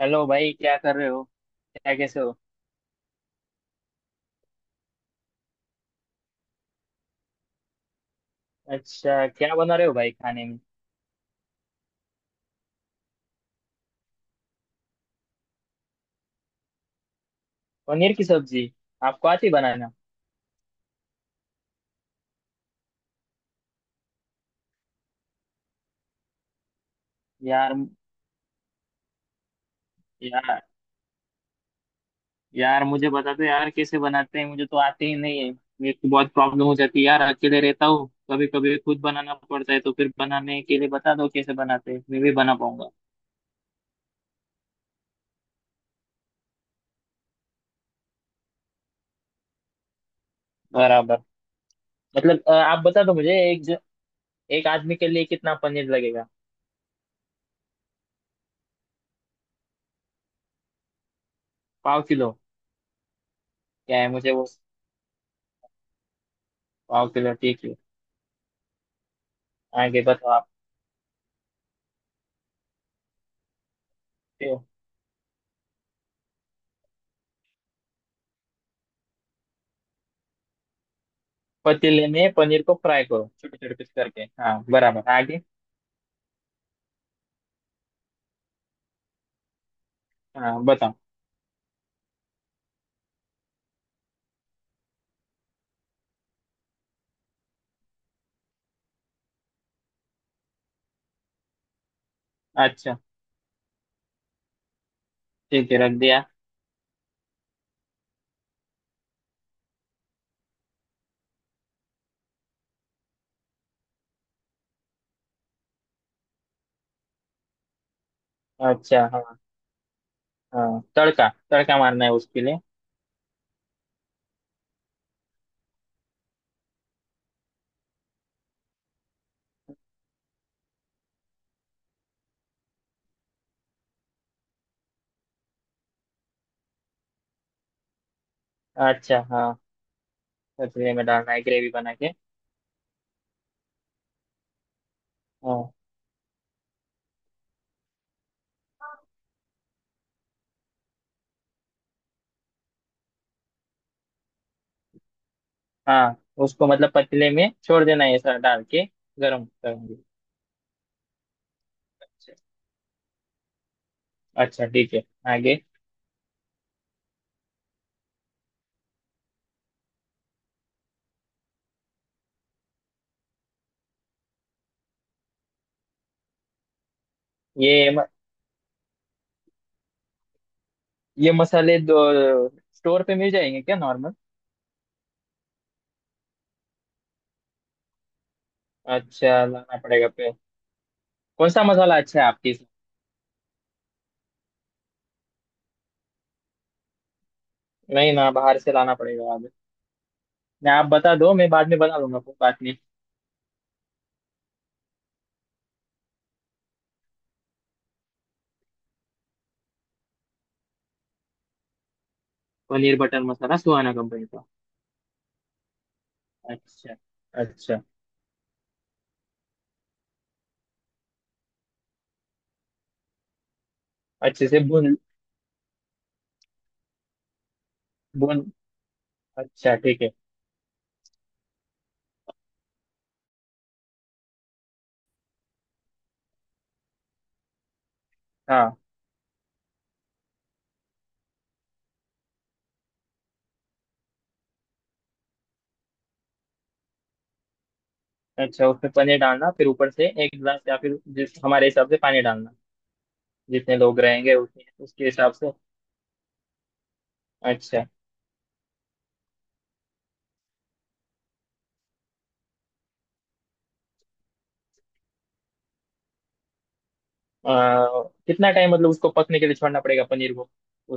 Hello भाई, क्या कर रहे हो? क्या, कैसे हो? अच्छा, क्या बना रहे हो भाई खाने में? पनीर की सब्जी। आपको आती बनाना? यार। यार यार मुझे बता दो यार, कैसे बनाते हैं। मुझे तो आते ही नहीं है। मेरे को बहुत प्रॉब्लम हो जाती है यार, अकेले रहता हूँ, कभी कभी खुद बनाना पड़ता है तो फिर बनाने के लिए बता दो कैसे बनाते हैं, मैं भी बना पाऊंगा। बराबर। मतलब आप बता दो मुझे, एक आदमी के लिए कितना पनीर लगेगा? पाव किलो। क्या है मुझे वो। पाव किलो ठीक है। आगे बताओ। आप। पतीले में पनीर को फ्राई करो छोटे छोटे पीस करके, हाँ बराबर, आगे। हाँ, बताओ। अच्छा, ठीक है, रख दिया। अच्छा हाँ। हाँ, तड़का तड़का मारना है उसके लिए। अच्छा हाँ। पतीले में डालना है ग्रेवी बना के। हाँ। हाँ, उसको मतलब पतीले में छोड़ देना है, ऐसा डाल के गरम करेंगे। अच्छा। अच्छा ठीक है। आगे। ये म- ये मसाले दो स्टोर पे मिल जाएंगे क्या नॉर्मल? अच्छा, लाना पड़ेगा पे। कौन सा मसाला अच्छा है आपकी? नहीं ना, बाहर से लाना पड़ेगा। ना आप बता दो, मैं बाद में बना लूंगा, कोई बात नहीं। पनीर बटर मसाला सुहाना कंपनी का? अच्छा। अच्छा। अच्छे से भून। भून। अच्छा ठीक है। हाँ। अच्छा, उसमें पनीर डालना फिर ऊपर से एक गिलास या फिर जिस हमारे हिसाब से पानी डालना, जितने लोग रहेंगे उतने उसके हिसाब से। अच्छा। आ, कितना टाइम मतलब उसको पकने के लिए छोड़ना पड़ेगा पनीर को?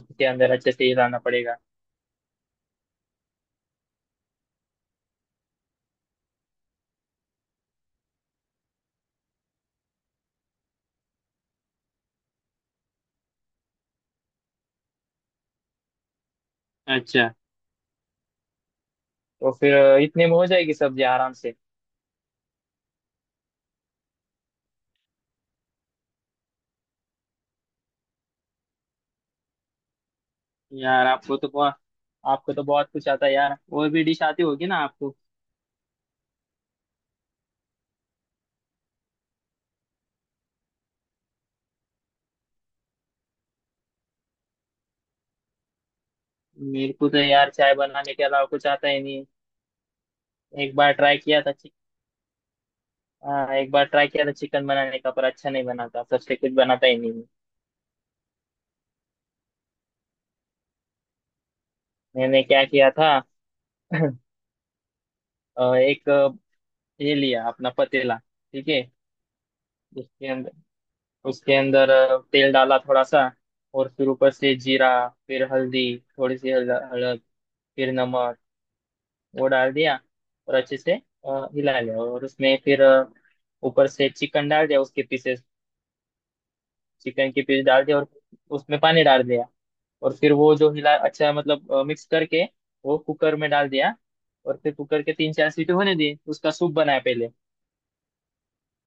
उसके अंदर अच्छे से हिलाना पड़ेगा? अच्छा। तो फिर इतने में हो जाएगी सब्जी आराम से? यार, आपको तो बहुत कुछ आता है यार, और भी डिश आती होगी ना आपको? मेरे को तो यार चाय बनाने के अलावा कुछ आता ही नहीं। एक बार ट्राई किया था चिक हाँ, एक बार ट्राई किया था चिकन बनाने का, पर अच्छा नहीं बना था, सबसे कुछ बनाता ही नहीं। मैंने क्या किया था। एक ये लिया अपना पतीला, ठीक है। उसके अंदर, तेल डाला थोड़ा सा, और फिर ऊपर से जीरा, फिर हल्दी, हलद, फिर नमक, वो डाल दिया, और अच्छे से हिला लिया, और उसमें फिर ऊपर से चिकन डाल दिया उसके पीसेस, चिकन के पीस डाल दिया, और उसमें पानी डाल दिया, और फिर वो जो हिला, अच्छा मतलब मिक्स करके वो कुकर में डाल दिया, और फिर कुकर के 3 4 सीटी होने दी, उसका सूप बनाया पहले।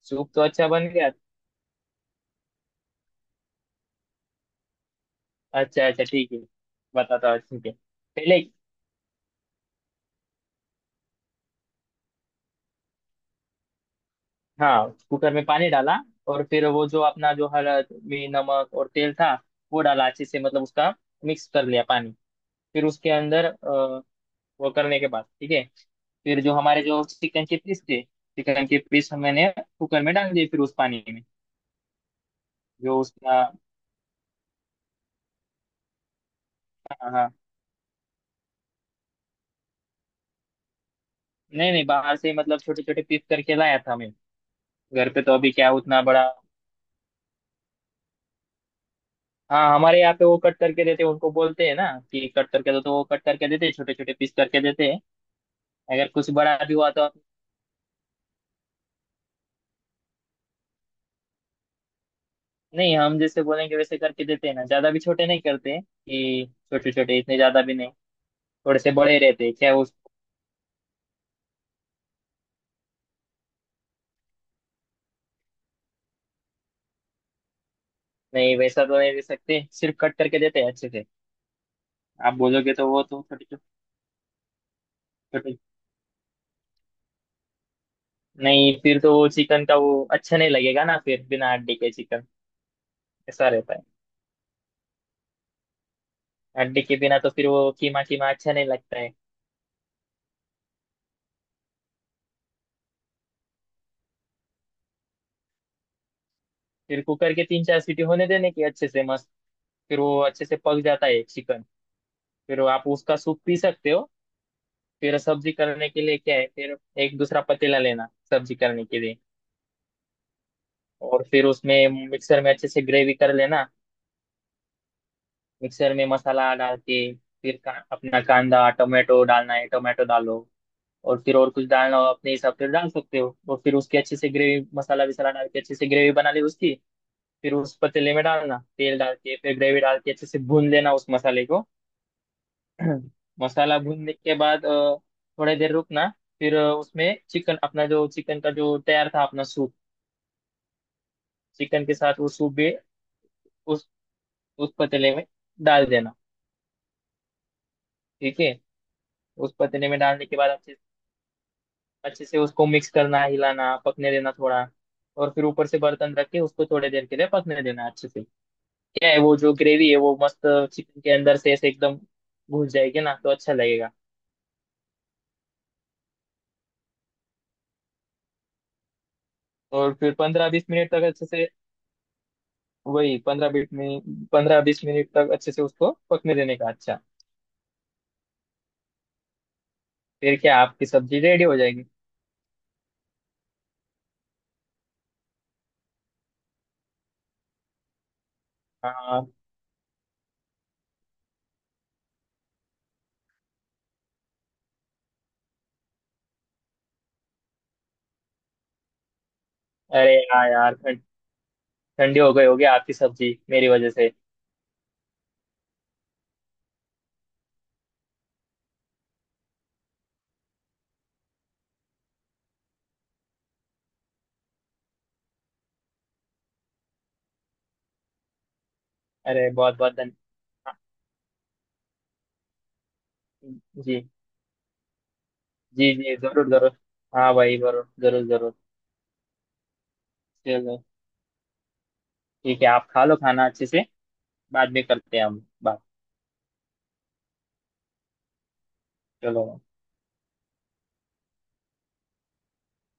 सूप तो अच्छा बन गया। अच्छा, अच्छा ठीक है, बताता हूँ, ठीक है। पहले, हाँ, कुकर में पानी डाला, और फिर वो जो अपना जो हल्द में नमक और तेल था, वो डाला अच्छे से, मतलब उसका मिक्स कर लिया पानी। फिर उसके अंदर, वो करने के बाद ठीक है, फिर जो हमारे जो चिकन के पीस थे, चिकन के पीस मैंने कुकर में डाल दिए फिर उस पानी में, जो उसका। हाँ हाँ। नहीं नहीं, बाहर से मतलब छोटे छोटे पीस करके लाया था मैं। घर पे तो अभी क्या उतना बड़ा। हाँ, हमारे यहाँ पे वो कट करके देते हैं, उनको बोलते हैं ना कि कट करके दो तो वो कट करके देते हैं, छोटे छोटे पीस करके देते हैं। अगर कुछ बड़ा भी हुआ तो नहीं, हम जैसे बोलेंगे वैसे करके देते हैं ना, ज्यादा भी छोटे नहीं करते हैं कि छोटे छोटे इतने ज्यादा भी नहीं, थोड़े से बड़े रहते हैं क्या? नहीं वैसा तो नहीं दे सकते, सिर्फ कट करके देते हैं अच्छे से। आप बोलोगे तो वो तो छोटे छोटे। नहीं, फिर तो वो चिकन का वो अच्छा नहीं लगेगा ना, फिर बिना हड्डी के चिकन ऐसा रहता है, हड्डी के बिना तो फिर वो कीमा कीमा अच्छा नहीं लगता है। फिर कुकर के तीन चार सीटी होने देने की अच्छे से मस्त, फिर वो अच्छे से पक जाता है चिकन। फिर वो आप उसका सूप पी सकते हो। फिर सब्जी करने के लिए क्या है फिर, एक दूसरा पतीला लेना सब्जी करने के लिए, और फिर उसमें मिक्सर में अच्छे से ग्रेवी कर लेना, मिक्सर में मसाला डाल के। फिर अपना कांदा टोमेटो डालना है, टोमेटो डालो, और फिर और कुछ डालना हो अपने हिसाब से डाल सकते हो, और फिर उसकी अच्छे से ग्रेवी मसाला विसाला डाल के अच्छे से ग्रेवी बना ली उसकी। फिर उस पतीले में डालना, तेल डाल के फिर ग्रेवी डाल के अच्छे से भून लेना उस मसाले को। मसाला भूनने के बाद थोड़ी देर रुकना, फिर उसमें चिकन अपना जो चिकन का जो तैयार था अपना सूप, चिकन के साथ वो सूप भी उस उस पतीले में डाल देना। ठीक है। उस पतीले में डालने के बाद, अच्छे अच्छे से उसको मिक्स करना, हिलाना, पकने देना थोड़ा, और फिर ऊपर से बर्तन रख के उसको थोड़ी देर के लिए पकने देना अच्छे से। क्या है, वो जो ग्रेवी है वो मस्त चिकन के अंदर से ऐसे एकदम घुस जाएगी ना, तो अच्छा लगेगा। और फिर 15 20 मिनट तक अच्छे से, वही पंद्रह बीस मिनट 15 20 मिनट तक अच्छे से उसको पकने देने का अच्छा। फिर क्या आपकी सब्जी रेडी हो जाएगी। हाँ। अरे हाँ यार, ठंडी हो गई होगी आपकी सब्जी मेरी वजह से। अरे, बहुत बहुत धन्यवाद। जी। जी जी, जरूर जरूर। हाँ भाई, जरूर जरूर जरूर। चलो, ठीक है, आप खा लो खाना अच्छे से, बाद में करते हैं हम बात। चलो।